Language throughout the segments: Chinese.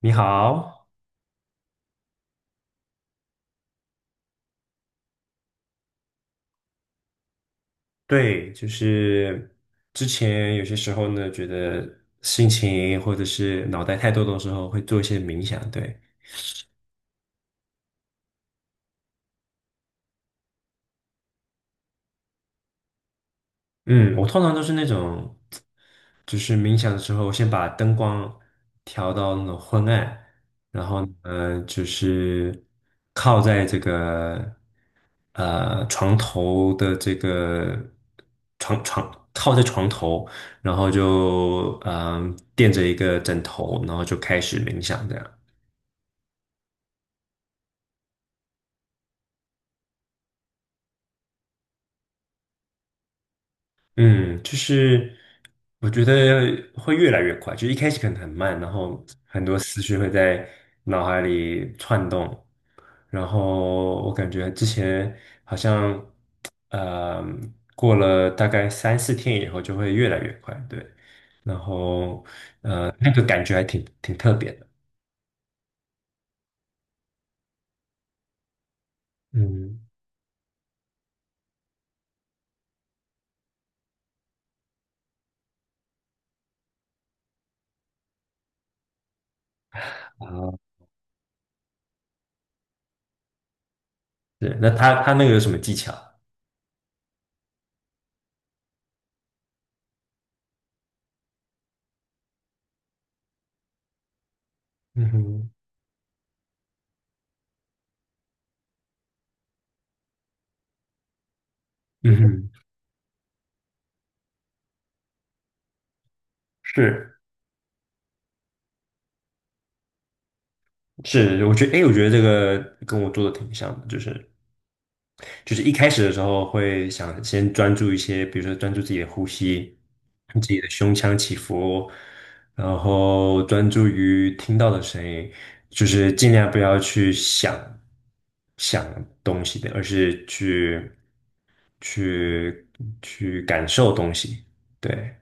你好。对，就是之前有些时候呢，觉得心情或者是脑袋太多的时候，会做一些冥想，对。嗯，我通常都是那种，就是冥想的时候，先把灯光调到那种昏暗，然后呢，就是靠在这个床头的这个床靠在床头，然后就垫着一个枕头，然后就开始冥想这样。嗯，就是我觉得会越来越快，就一开始可能很慢，然后很多思绪会在脑海里窜动，然后我感觉之前好像，呃，过了大概三四天以后就会越来越快，对。然后那个感觉还挺特别的。嗯，啊，对，那他那个有什么技巧？嗯哼。嗯哼。是。是，我觉得，哎，我觉得这个跟我做的挺像的，就是。就是一开始的时候会想先专注一些，比如说专注自己的呼吸，自己的胸腔起伏，然后专注于听到的声音，就是尽量不要去想东西的，而是去去感受东西。对，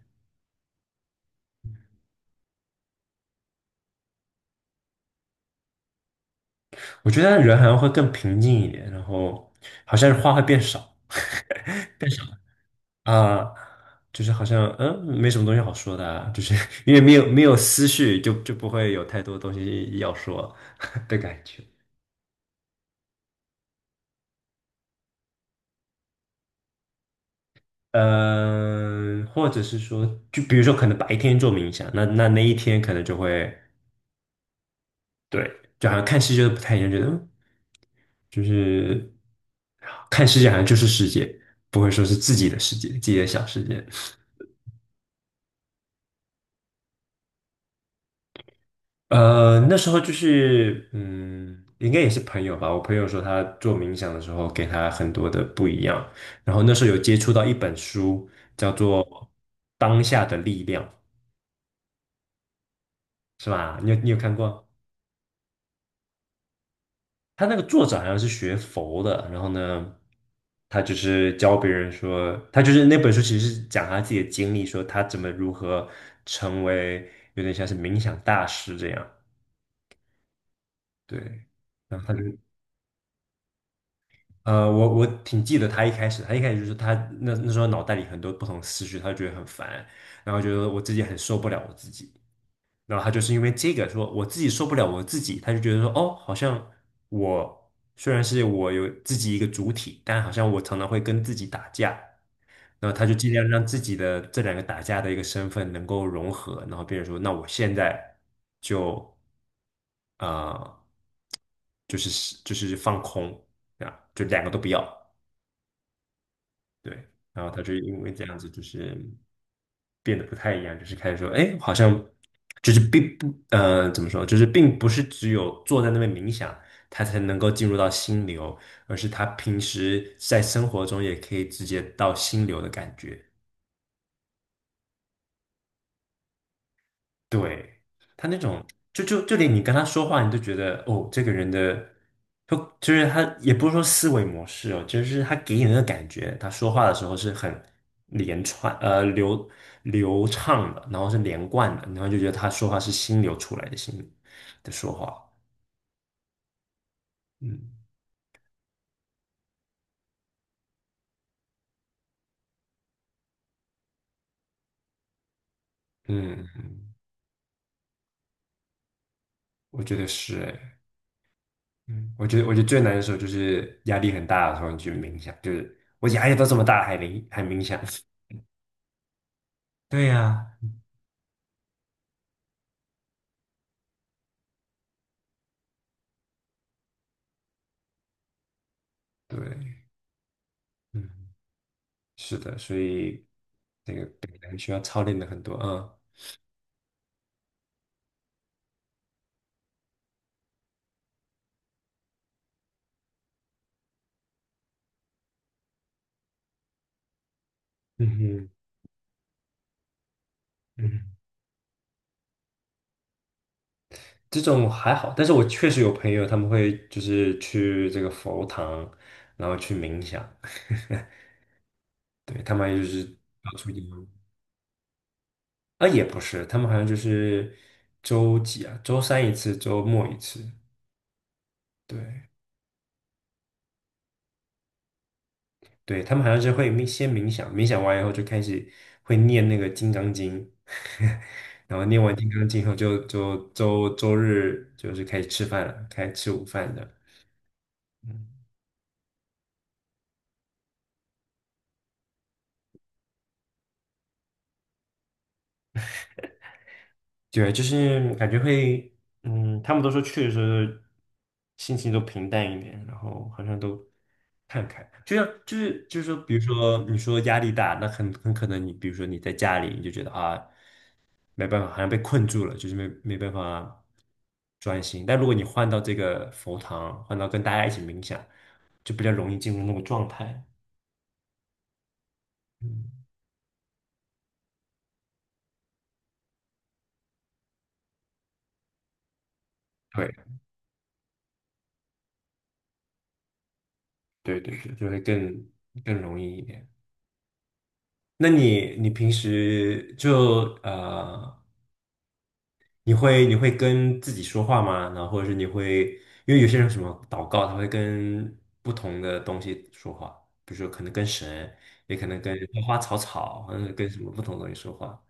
我觉得人好像会更平静一点，然后好像话会变少。啊，就是好像没什么东西好说的啊，就是 因为没有思绪就，就不会有太多东西要说 的感觉。嗯、或者是说，就比如说，可能白天做冥想，那那一天可能就会对，就好像看世界都不太一样，觉得就是看世界好像就是世界，不会说是自己的世界，自己的小世界。那时候就是，嗯，应该也是朋友吧。我朋友说他做冥想的时候，给他很多的不一样。然后那时候有接触到一本书，叫做《当下的力量》，是吧？你有看过？他那个作者好像是学佛的，然后呢，他就是教别人说，他就是那本书其实是讲他自己的经历，说他怎么如何成为有点像是冥想大师这样。对，然后他就。我挺记得他一开始，他一开始就是他那时候脑袋里很多不同的思绪，他就觉得很烦，然后觉得我自己很受不了我自己，然后他就是因为这个说我自己受不了我自己，他就觉得说哦，好像我虽然是我有自己一个主体，但好像我常常会跟自己打架，然后他就尽量让自己的这两个打架的一个身份能够融合，然后变成说那我现在就呃就是放空，啊，就两个都不要。对，然后他就因为这样子，就是变得不太一样，就是开始说，哎，好像就是并不，怎么说，就是并不是只有坐在那边冥想，他才能够进入到心流，而是他平时在生活中也可以直接到心流的感觉。对，嗯，就连你跟他说话，你都觉得哦，这个人的，就是他也不是说思维模式哦，就是他给你那个感觉，他说话的时候是很连串流畅的，然后是连贯的，然后就觉得他说话是心流出来的心的说话。嗯嗯。我觉得是哎。嗯，我觉得最难的时候就是压力很大的时候，你去冥想，就是我压力都这么大还冥想。对呀。对。嗯。是的，所以这个可能需要操练的很多啊。嗯哼。嗯这种还好，但是我确实有朋友他们会就是去这个佛堂，然后去冥想。对，他们就是到处游啊，也不是，他们好像就是周几啊，周三一次，周末一次，对。对，他们好像是会先冥想，冥想完以后就开始会念那个《金刚经》，然后念完《金刚经》后就周日就是开始吃饭了，开始吃午饭的。嗯。对，就是感觉会，嗯，他们都说去的时候心情都平淡一点，然后好像都看开，就像就是说，比如说你说压力大，那很可能你比如说你在家里你就觉得啊，没办法，好像被困住了，就是没办法专心。但如果你换到这个佛堂，换到跟大家一起冥想，就比较容易进入那个状态。嗯，对对对对，就会更容易一点。那你平时就你会跟自己说话吗？然后或者是你会，因为有些人什么祷告，他会跟不同的东西说话，比如说可能跟神，也可能跟花花草草，或者跟什么不同的东西说话。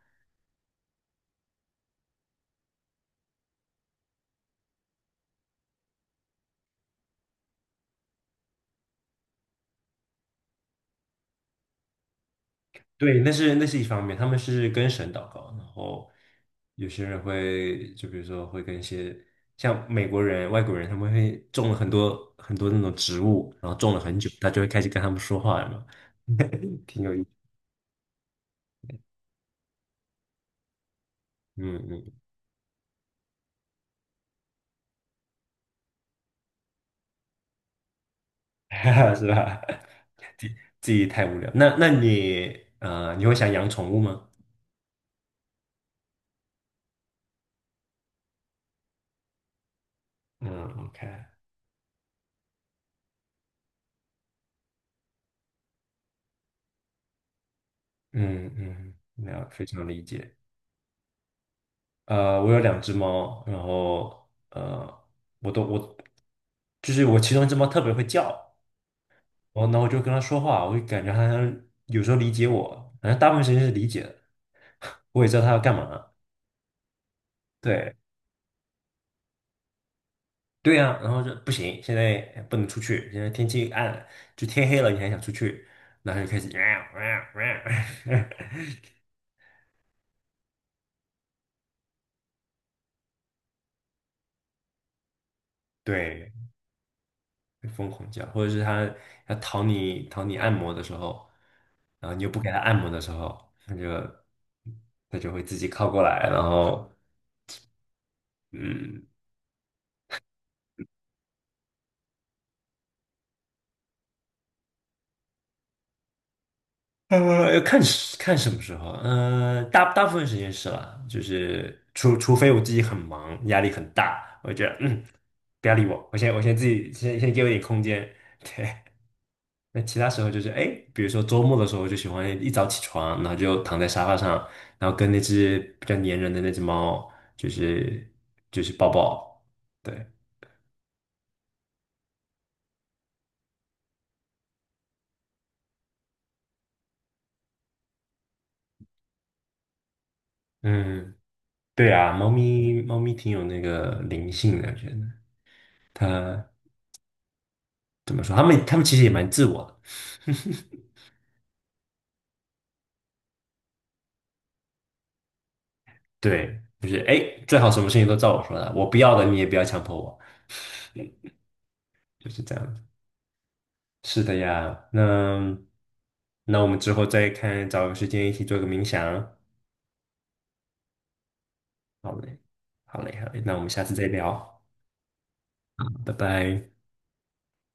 对，那是一方面，他们是跟神祷告，然后有些人会，就比如说会跟一些像美国人、外国人，他们会种了很多很多那种植物，然后种了很久，他就会开始跟他们说话了嘛。挺有意思。嗯嗯。是吧？自己自己太无聊。那那你你会想养宠物吗？嗯，OK。嗯嗯，那非常理解。我有两只猫，然后我都我就是我其中一只猫特别会叫，然后呢我就跟它说话，我就感觉它好像有时候理解我，反正大部分时间是理解的，我也知道它要干嘛。对。然后就不行，现在不能出去，现在天气暗了就天黑了，你还想出去，然后就开始 对，疯狂叫，或者是它要讨你按摩的时候。然后你又不给它按摩的时候，它就会自己靠过来，然后嗯。要看看什么时候。嗯，大部分时间是啦，就是除非我自己很忙，压力很大，我觉得嗯不要理我，我先我先自己先给我一点空间。对。那其他时候就是哎，比如说周末的时候，我就喜欢一早起床，然后就躺在沙发上，然后跟那只比较粘人的那只猫，就是就是抱抱，对。嗯。对啊，猫咪挺有那个灵性的，我觉得它怎么说？它们其实也蛮自我的。对，就是哎，诶最好什么事情都照我说的，我不要的你也不要强迫我，就是这样子。是的呀，那那我们之后再看，找个时间一起做个冥想。好嘞，好嘞那我们下次再聊，拜拜。